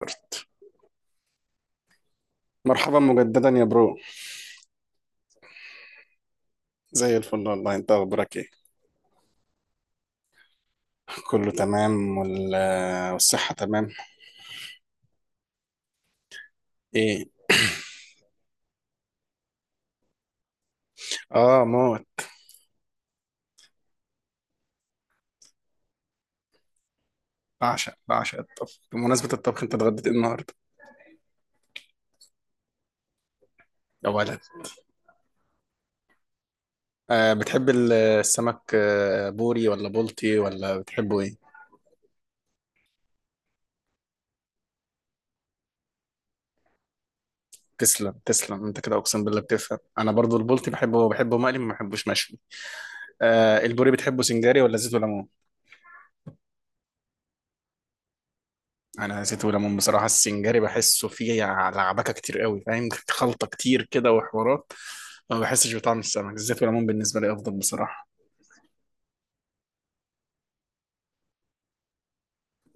كارت. مرحبا مجددا يا برو. زي الفل والله، انت اخبارك ايه؟ كله تمام والصحة تمام. ايه؟ اه موت. بعشق الطبخ. بمناسبة الطبخ، انت اتغديت ايه النهارده؟ اولا، آه بتحب السمك آه بوري ولا بولتي ولا بتحبه ايه؟ تسلم انت كده، اقسم بالله بتفهم. انا برضو البولتي بحبه مقلي، ما بحبوش مشوي. آه البوري بتحبه سنجاري ولا زيت وليمون؟ انا زيت وليمون بصراحه. السنجاري بحسه فيه لعبكه كتير قوي، فاهم؟ خلطه كتير كده وحوارات. ما بحسش بطعم السمك. الزيت والليمون بالنسبه لي افضل بصراحه.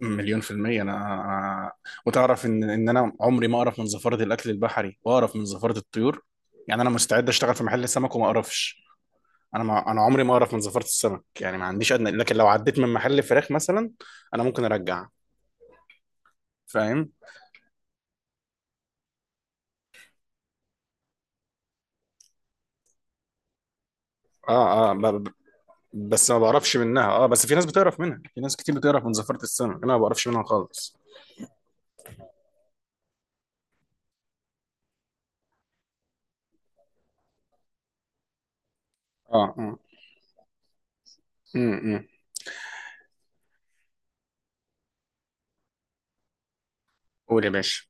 مليون في المية أنا. وتعرف إن أنا عمري ما أقرف من زفارة الأكل البحري، وأقرف من زفارة الطيور. يعني أنا مستعد أشتغل في محل سمك وما أقرفش. أنا عمري ما أقرف من زفارة السمك، يعني ما عنديش أدنى. لكن لو عديت من محل فراخ مثلا، أنا ممكن أرجع. فاهم؟ آه آه، بس ما بعرفش منها، اه. بس في ناس بتعرف منها، في ناس كتير بتعرف من زفارة السمك، انا ما بعرفش منها خالص. اه اه. امم قول يا باشا.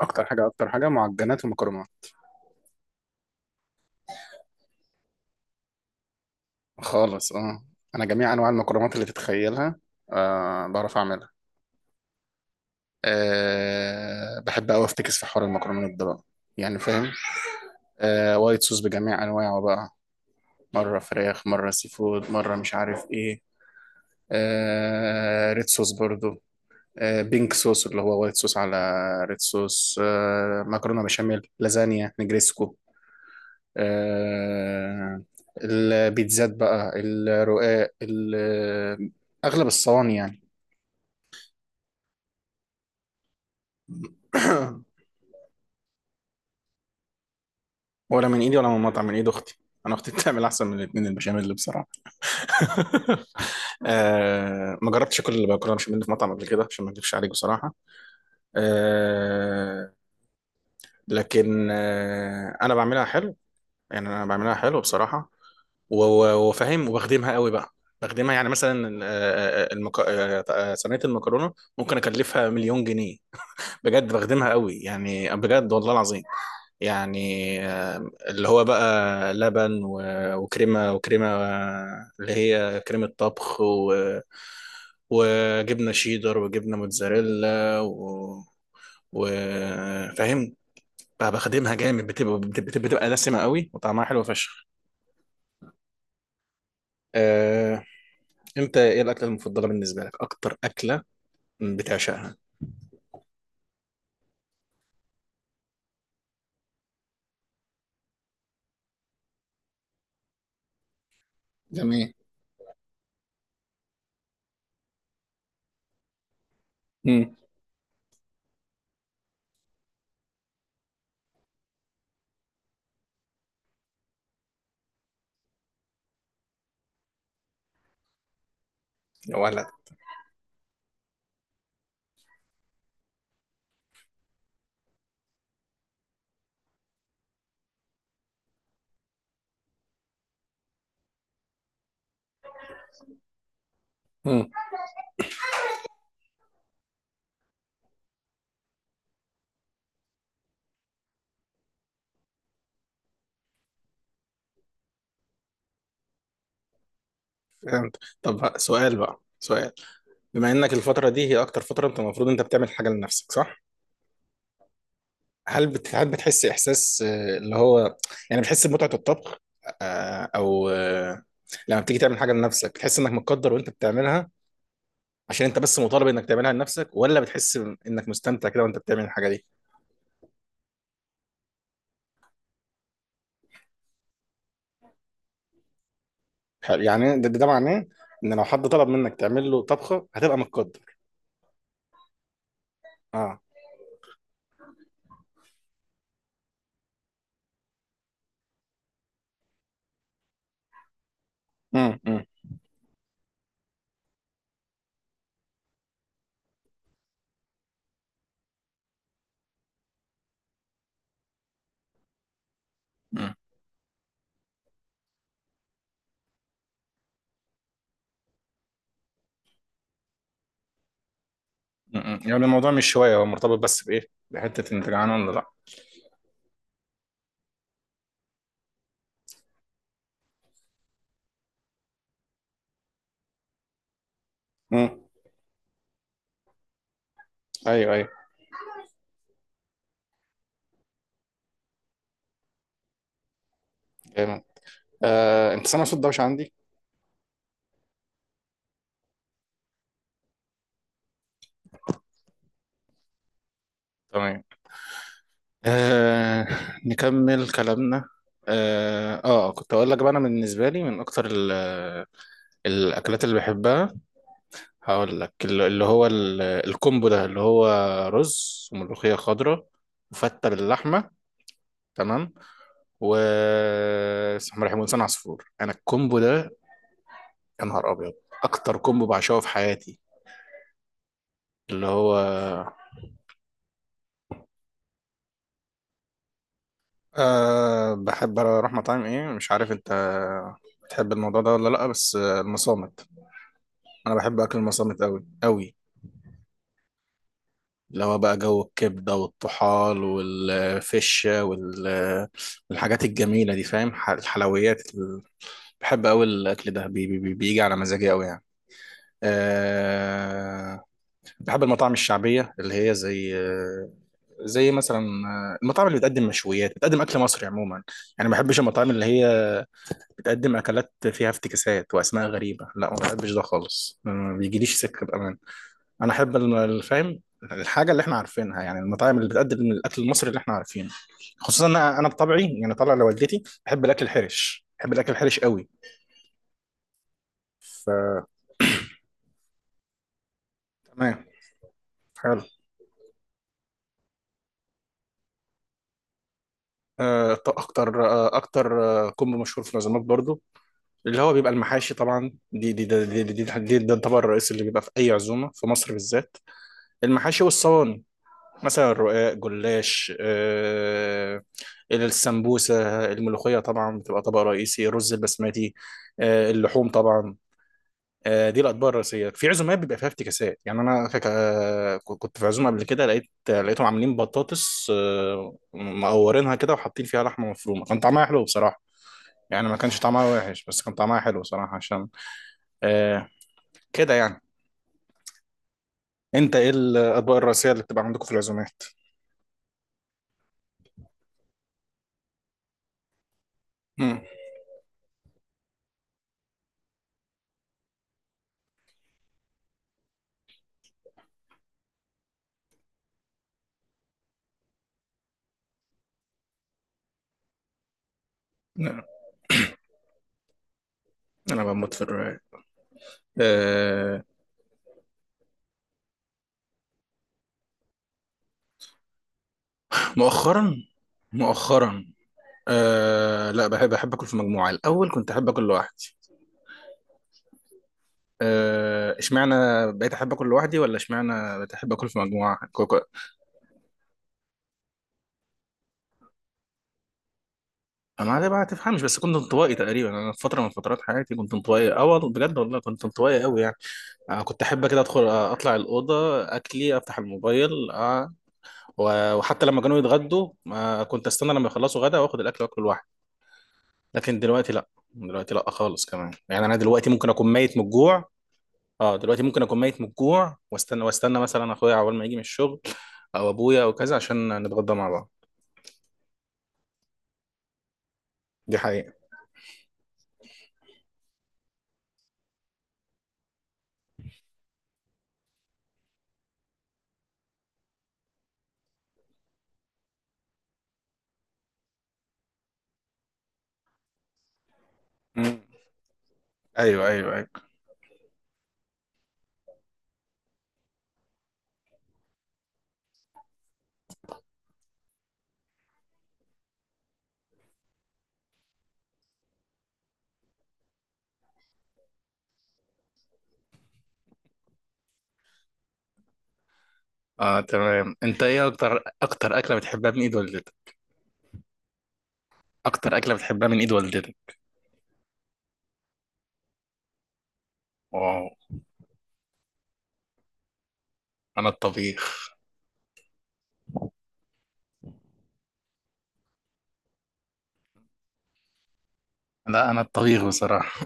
اكتر حاجه معجنات ومكرونات. خالص، اه. انا جميع انواع المكرونات اللي تتخيلها آه بعرف اعملها. آه بحب قوي افتكس في حوار المكرونات ده بقى، يعني فاهم. آه وايت صوص بجميع انواعه بقى، مره فراخ مره سي فود مره مش عارف ايه. آه ريد صوص برضو. بينك صوص اللي هو وايت صوص على ريد صوص. مكرونه بشاميل، لازانيا، نجريسكو. آه، البيتزات بقى، الرقاق، اغلب الصواني يعني. ولا من ايدي ولا من مطعم، من ايد اختي. انا اختي بتعمل احسن من الاثنين البشاميل، اللي بصراحه. آه، ما جربتش اكل المكرونه بشاميل في مطعم قبل كده عشان ما اكذبش عليك بصراحه. آه، لكن آه انا بعملها حلو، يعني انا بعملها حلو بصراحه. وفاهم وبخدمها قوي بقى. بخدمها يعني مثلا، آه، آه، آه، المك... آه، آه، صينيه المكرونه ممكن اكلفها مليون جنيه. بجد بخدمها قوي يعني، بجد والله العظيم. يعني اللي هو بقى لبن وكريمه آه، اللي هي كريمه طبخ وجبنه شيدر وجبنه موتزاريلا وفاهم. بقى بخدمها جامد، بتبقى دسمه قوي وطعمها حلو فشخ. آه، انت ايه الاكله المفضله بالنسبه لك، اكتر اكله بتعشقها؟ جميل. امم. يا ولد. امم. فهمت. طب سؤال بقى، سؤال: بما انك الفتره دي هي اكتر فتره انت المفروض انت بتعمل حاجه لنفسك، صح؟ هل بتحس احساس آه، اللي هو، يعني بتحس بمتعه الطبخ؟ آه، او آه، لما بتيجي تعمل حاجه لنفسك بتحس انك متقدر وانت بتعملها عشان انت بس مطالب انك تعملها لنفسك، ولا بتحس انك مستمتع كده وانت بتعمل الحاجه دي؟ حلو. يعني ده معناه ان لو حد طلب منك تعمل له طبخه هتبقى متقدر. اه. امم. امم. امم. يعني الموضوع مش شويه، هو مرتبط بس بايه؟ بحته انت جعان ولا لا. امم. ايوه ايوه. تمام. انت سامع صوت دوشه عندي؟ تمام. آه، نكمل كلامنا. اه كنت اقول لك بقى، انا بالنسبه لي من اكتر الاكلات اللي بحبها، هقول لك اللي هو الكومبو ده، اللي هو رز وملوخيه خضراء وفته باللحمه. تمام. و اسمه رحمة حسين عصفور، انا الكومبو ده، يا نهار ابيض، اكتر كومبو بعشقه في حياتي، اللي هو. أه بحب اروح مطاعم، ايه مش عارف انت بتحب الموضوع ده ولا لا، بس المصامت. انا بحب اكل المصامت قوي قوي، اللي هو بقى جو الكبده والطحال والفشه والحاجات الجميله دي فاهم، الحلويات بحب قوي الاكل ده. بيجي على مزاجي قوي يعني. أه بحب المطاعم الشعبيه اللي هي زي، زي مثلا المطاعم اللي بتقدم مشويات، بتقدم اكل مصري عموما. يعني ما بحبش المطاعم اللي هي بتقدم اكلات فيها افتكاسات واسماء غريبه، لا ما بحبش ده خالص، ما بيجيليش سكه بامان. انا احب الفاهم الحاجه اللي احنا عارفينها، يعني المطاعم اللي بتقدم الاكل المصري اللي احنا عارفينه. خصوصا انا بطبعي يعني طالع لوالدتي، بحب الاكل الحرش، بحب الاكل الحرش قوي. ف تمام. حلو. آه، ط- اكتر آه، اكتر آه، كومبو مشهور في العزومات برضو، اللي هو بيبقى المحاشي طبعا، دي دي ده دي دي, دي, دي, ده الطبق الرئيسي اللي بيبقى في اي عزومه في مصر بالذات. المحاشي والصواني، مثلا الرقاق، جلاش، آه السمبوسه، الملوخيه طبعا بتبقى طبق رئيسي، الرز البسمتي، آه اللحوم طبعا. آه دي الاطباق الرئيسيه. في عزومات بيبقى فيها افتكاسات، يعني انا فاكر كنت في عزومه قبل كده، لقيت لقيتهم عاملين بطاطس آه مقورينها كده وحاطين فيها لحمه مفرومه، كان طعمها حلو بصراحه. يعني ما كانش طعمها وحش، بس كان طعمها حلو صراحه عشان آه، كده يعني. انت ايه الاطباق الرئيسيه اللي بتبقى عندكم في العزومات؟ مم. لا، انا بموت في الرواية. آه. مؤخرا، مؤخرا، آه لا بحب، احب اكل في مجموعة. الاول كنت احب اكل لوحدي. آه، اشمعنى اشمعنى بقيت احب اكل في مجموعة؟ كوكو. انا ده بقى ما تفهمش، بس كنت انطوائي تقريبا. انا في فترة من فترات حياتي كنت انطوائي، اه والله بجد، والله كنت انطوائي قوي يعني. آه كنت احب كده ادخل، اطلع الأوضة اكلي، افتح الموبايل، آه و- وحتى لما كانوا يتغدوا ما كنت استنى لما يخلصوا، غدا واخد الاكل واكله لوحدي. لكن دلوقتي لا، دلوقتي لا خالص، كمان يعني انا دلوقتي ممكن اكون ميت من الجوع، اه دلوقتي ممكن اكون ميت من الجوع واستنى، واستنى مثلا اخويا عقبال ما يجي من الشغل او ابويا او كذا، عشان نتغدى مع بعض. دي حقيقة. مم. ايوه ايوه ايوه. اه تمام. انت ايه اكتر اكله بتحبها من ايد والدتك؟ اكتر اكله بتحبها من ايد والدتك؟ واو. انا الطبيخ، لا انا الطبيخ بصراحه.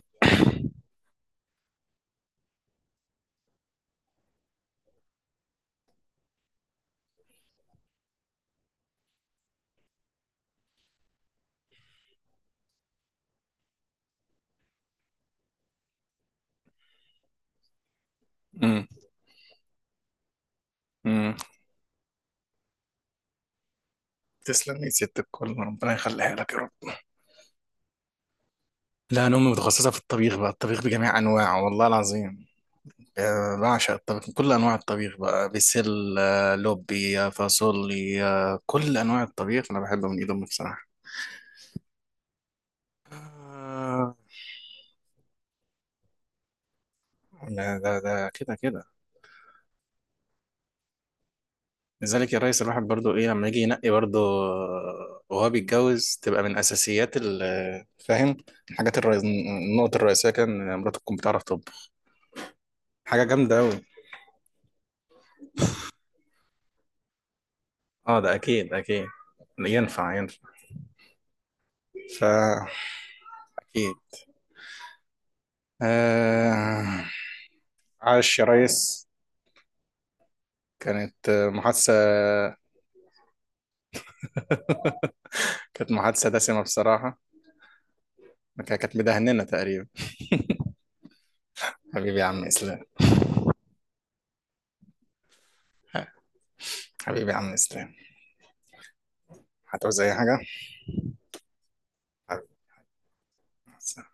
امم. امم. تسلم يا ست الكل، ربنا يخليها لك يا رب. لا انا امي متخصصه في الطبيخ بقى، الطبيخ بجميع انواعه والله العظيم. بعشق الطبيخ، كل انواع الطبيخ بقى، بسل لوبي فاصولي كل انواع الطبيخ انا بحبه من ايد امي بصراحه. آه. لا ده ده كده كده. لذلك يا ريس، الواحد برضو ايه لما يجي ينقي برضو وهو بيتجوز، تبقى من اساسيات فاهم، الحاجات الرئيس، النقطه الرئيسيه كان إن مراته تكون بتعرف تطبخ. حاجه جامده قوي. اه ده اكيد اكيد. ينفع ينفع. فا اكيد. آه. عاش يا ريس. كانت محادثة، كانت محادثة دسمة بصراحة. كانت مدهننا تقريبا. حبيبي يا عم إسلام. حبيبي يا عم إسلام. هتعوز أي حاجة؟ حبيبي.